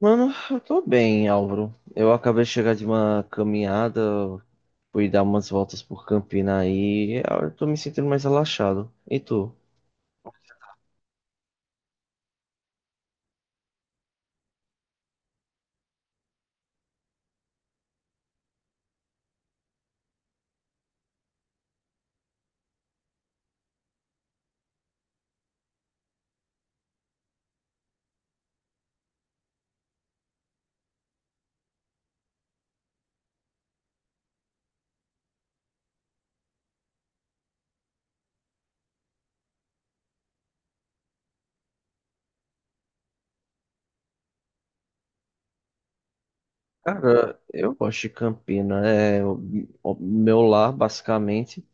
Mano, eu tô bem, Álvaro. Eu acabei de chegar de uma caminhada, fui dar umas voltas por Campina aí, eu tô me sentindo mais relaxado. E tu? Cara, eu gosto de Campina, é o meu lar, basicamente.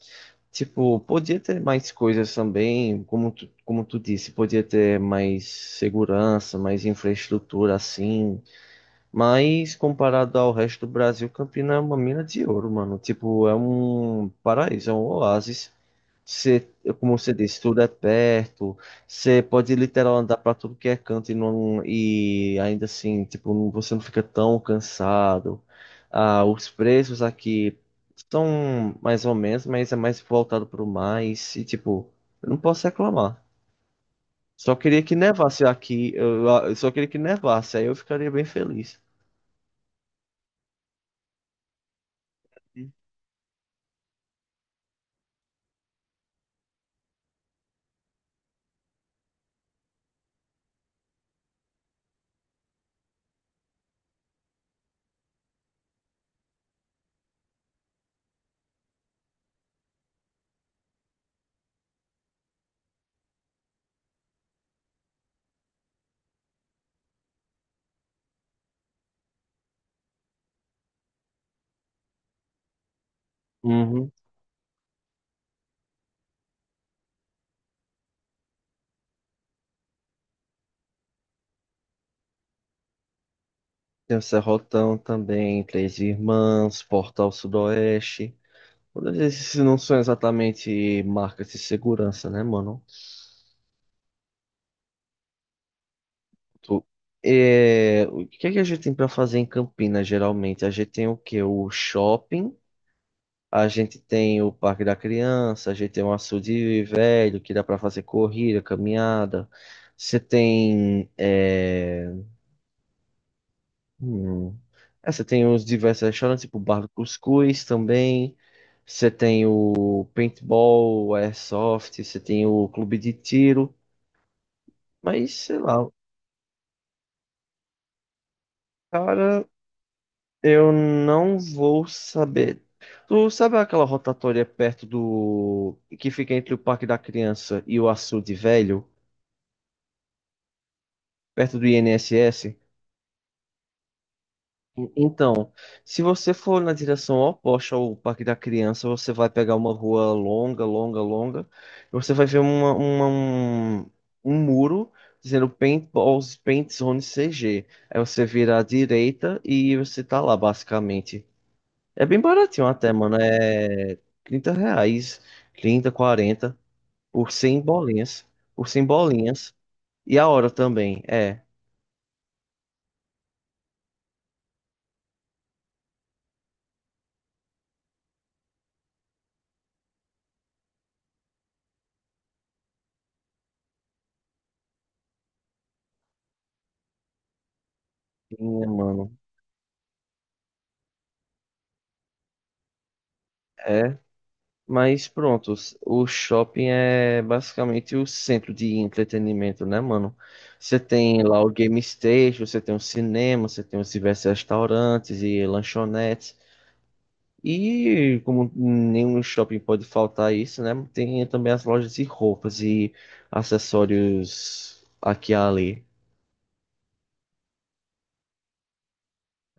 Tipo, podia ter mais coisas também, como tu disse, podia ter mais segurança, mais infraestrutura assim, mas comparado ao resto do Brasil, Campina é uma mina de ouro, mano. Tipo, é um paraíso, é um oásis. Você, como você disse, tudo é perto. Você pode literal andar pra tudo que é canto e, não, e ainda assim, tipo, você não fica tão cansado. Ah, os preços aqui são mais ou menos, mas é mais voltado pro mais. E tipo, eu não posso reclamar. Só queria que nevasse aqui. Eu só queria que nevasse, aí eu ficaria bem feliz. Uhum. Tem o Serrotão também, Três Irmãs, Portal Sudoeste. Todos esses não são exatamente marcas de segurança, né, mano? Tu- é, o que é que a gente tem pra fazer em Campinas, geralmente? A gente tem o quê? O shopping, a gente tem o Parque da Criança, a gente tem um açude velho que dá pra fazer corrida, caminhada. Você tem. Hum. É, você tem os diversos restaurantes, tipo o Bar do Cuscuz também. Você tem o paintball, o airsoft, você tem o clube de tiro. Mas, sei lá, cara, eu não vou saber. Tu sabe aquela rotatória perto do que fica entre o Parque da Criança e o Açude Velho? Perto do INSS? Então, se você for na direção oposta ao Parque da Criança, você vai pegar uma rua longa, longa, longa, e você vai ver um muro dizendo Paintballs, Paint Zone CG. Aí você vira à direita e você tá lá, basicamente. É bem baratinho até, mano. É 30 reais, 30, 40 por 100 bolinhas. Por 100 bolinhas. E a hora também, é. Minha, mano. é Mas pronto, o shopping é basicamente o centro de entretenimento, né, mano? Você tem lá o game station, você tem o cinema, você tem os diversos restaurantes e lanchonetes. E como nenhum shopping pode faltar isso, né? Tem também as lojas de roupas e acessórios aqui e ali.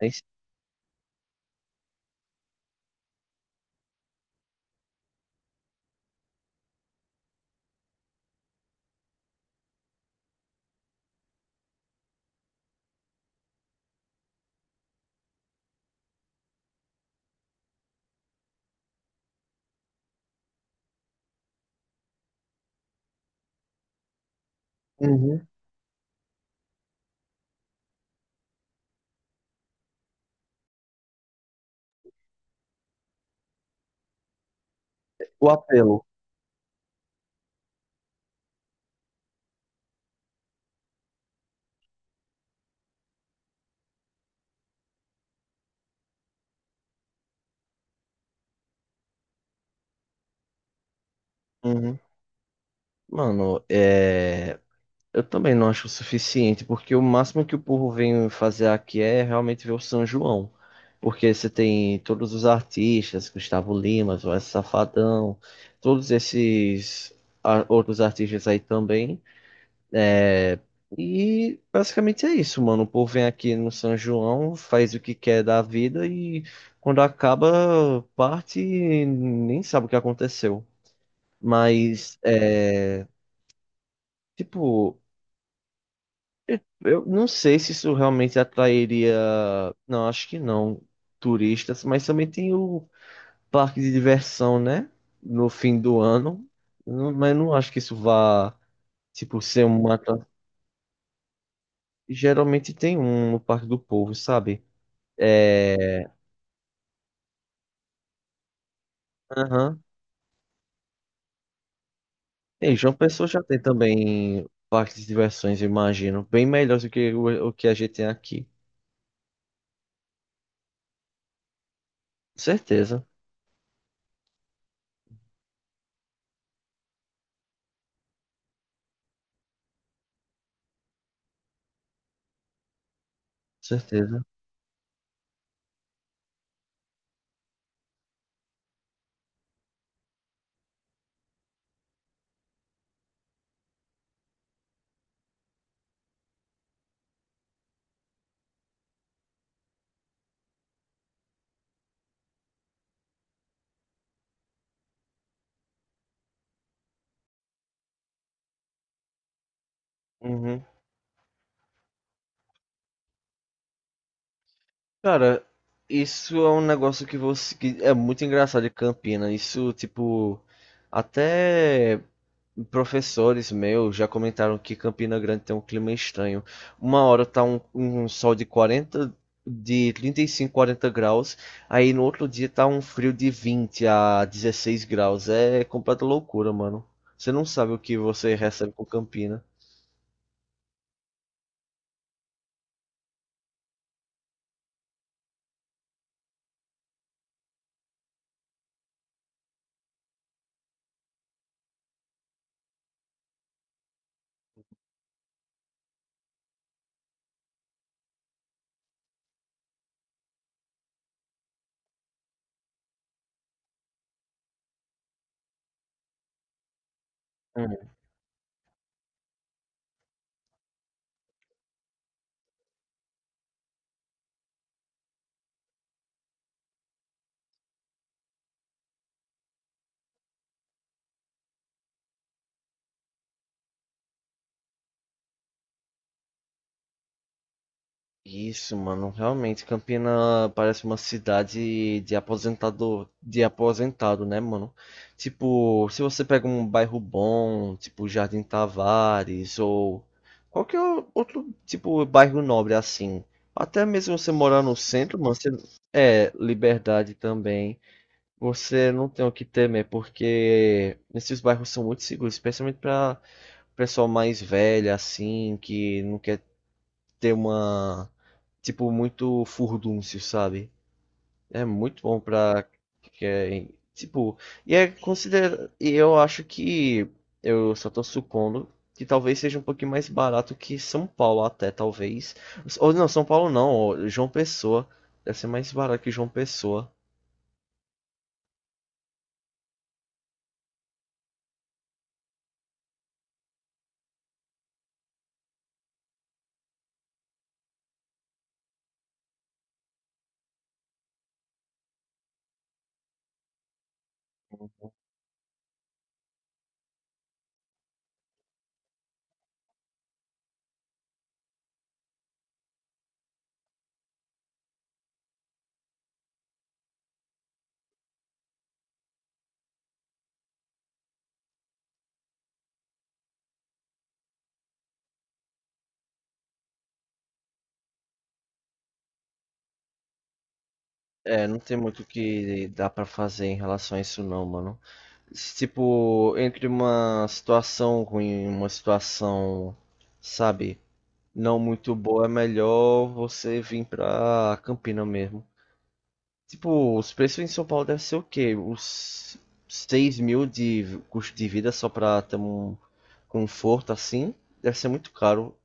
É isso. Uhum. O apelo. Uhum. Mano, é... Eu também não acho o suficiente, porque o máximo que o povo vem fazer aqui é realmente ver o São João. Porque você tem todos os artistas, Gustavo Lima, Zoé Safadão, todos esses outros artistas aí também. E basicamente é isso, mano. O povo vem aqui no São João, faz o que quer da vida e quando acaba, parte e nem sabe o que aconteceu. Mas, é, tipo. Eu não sei se isso realmente atrairia. Não, acho que não. Turistas, mas também tem o parque de diversão, né? No fim do ano. Eu não- mas não acho que isso vá, tipo, geralmente tem um no Parque do Povo, sabe? É. Aham. E João Pessoa já tem também parques de diversões, eu imagino. Bem melhores do que o que a gente tem aqui. Certeza, certeza. Uhum. Cara, isso é um negócio que é muito engraçado de Campina. Isso, tipo, até professores meus já comentaram que Campina Grande tem um clima estranho. Uma hora tá um sol de 40, de 35, 40 graus, aí no outro dia tá um frio de 20 a 16 graus. É completa loucura, mano. Você não sabe o que você recebe com Campina. Isso, mano, realmente Campina parece uma cidade de aposentador, de aposentado, né, mano? Tipo, se você pega um bairro bom, tipo Jardim Tavares ou qualquer outro tipo bairro nobre assim, até mesmo você morar no centro, mano, você é liberdade também. Você não tem o que temer porque esses bairros são muito seguros, especialmente para pessoal mais velho assim, que não quer ter uma. Tipo, muito furdúncio, sabe? É muito bom pra. quem- tipo, e é considera. E eu acho que. Eu só tô supondo que talvez seja um pouquinho mais barato que São Paulo, até, talvez. Ou não, São Paulo não, ó, João Pessoa. Deve ser mais barato que João Pessoa. É, não tem muito o que dá pra fazer em relação a isso não, mano. Tipo, entre uma situação ruim e uma situação, sabe, não muito boa, é melhor você vir pra Campina mesmo. Tipo, os preços em São Paulo devem ser o quê? Uns 6 mil de custo de vida só pra ter um conforto assim? Deve ser muito caro.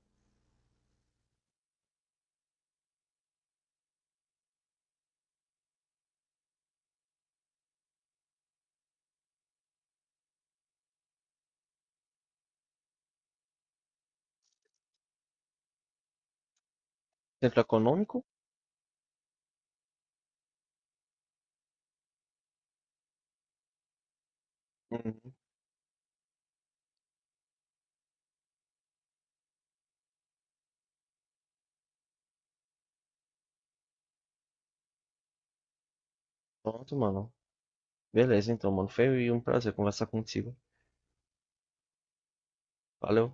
Centro econômico? Uhum. Pronto, mano. Beleza, então, mano. Foi um prazer conversar contigo. Valeu.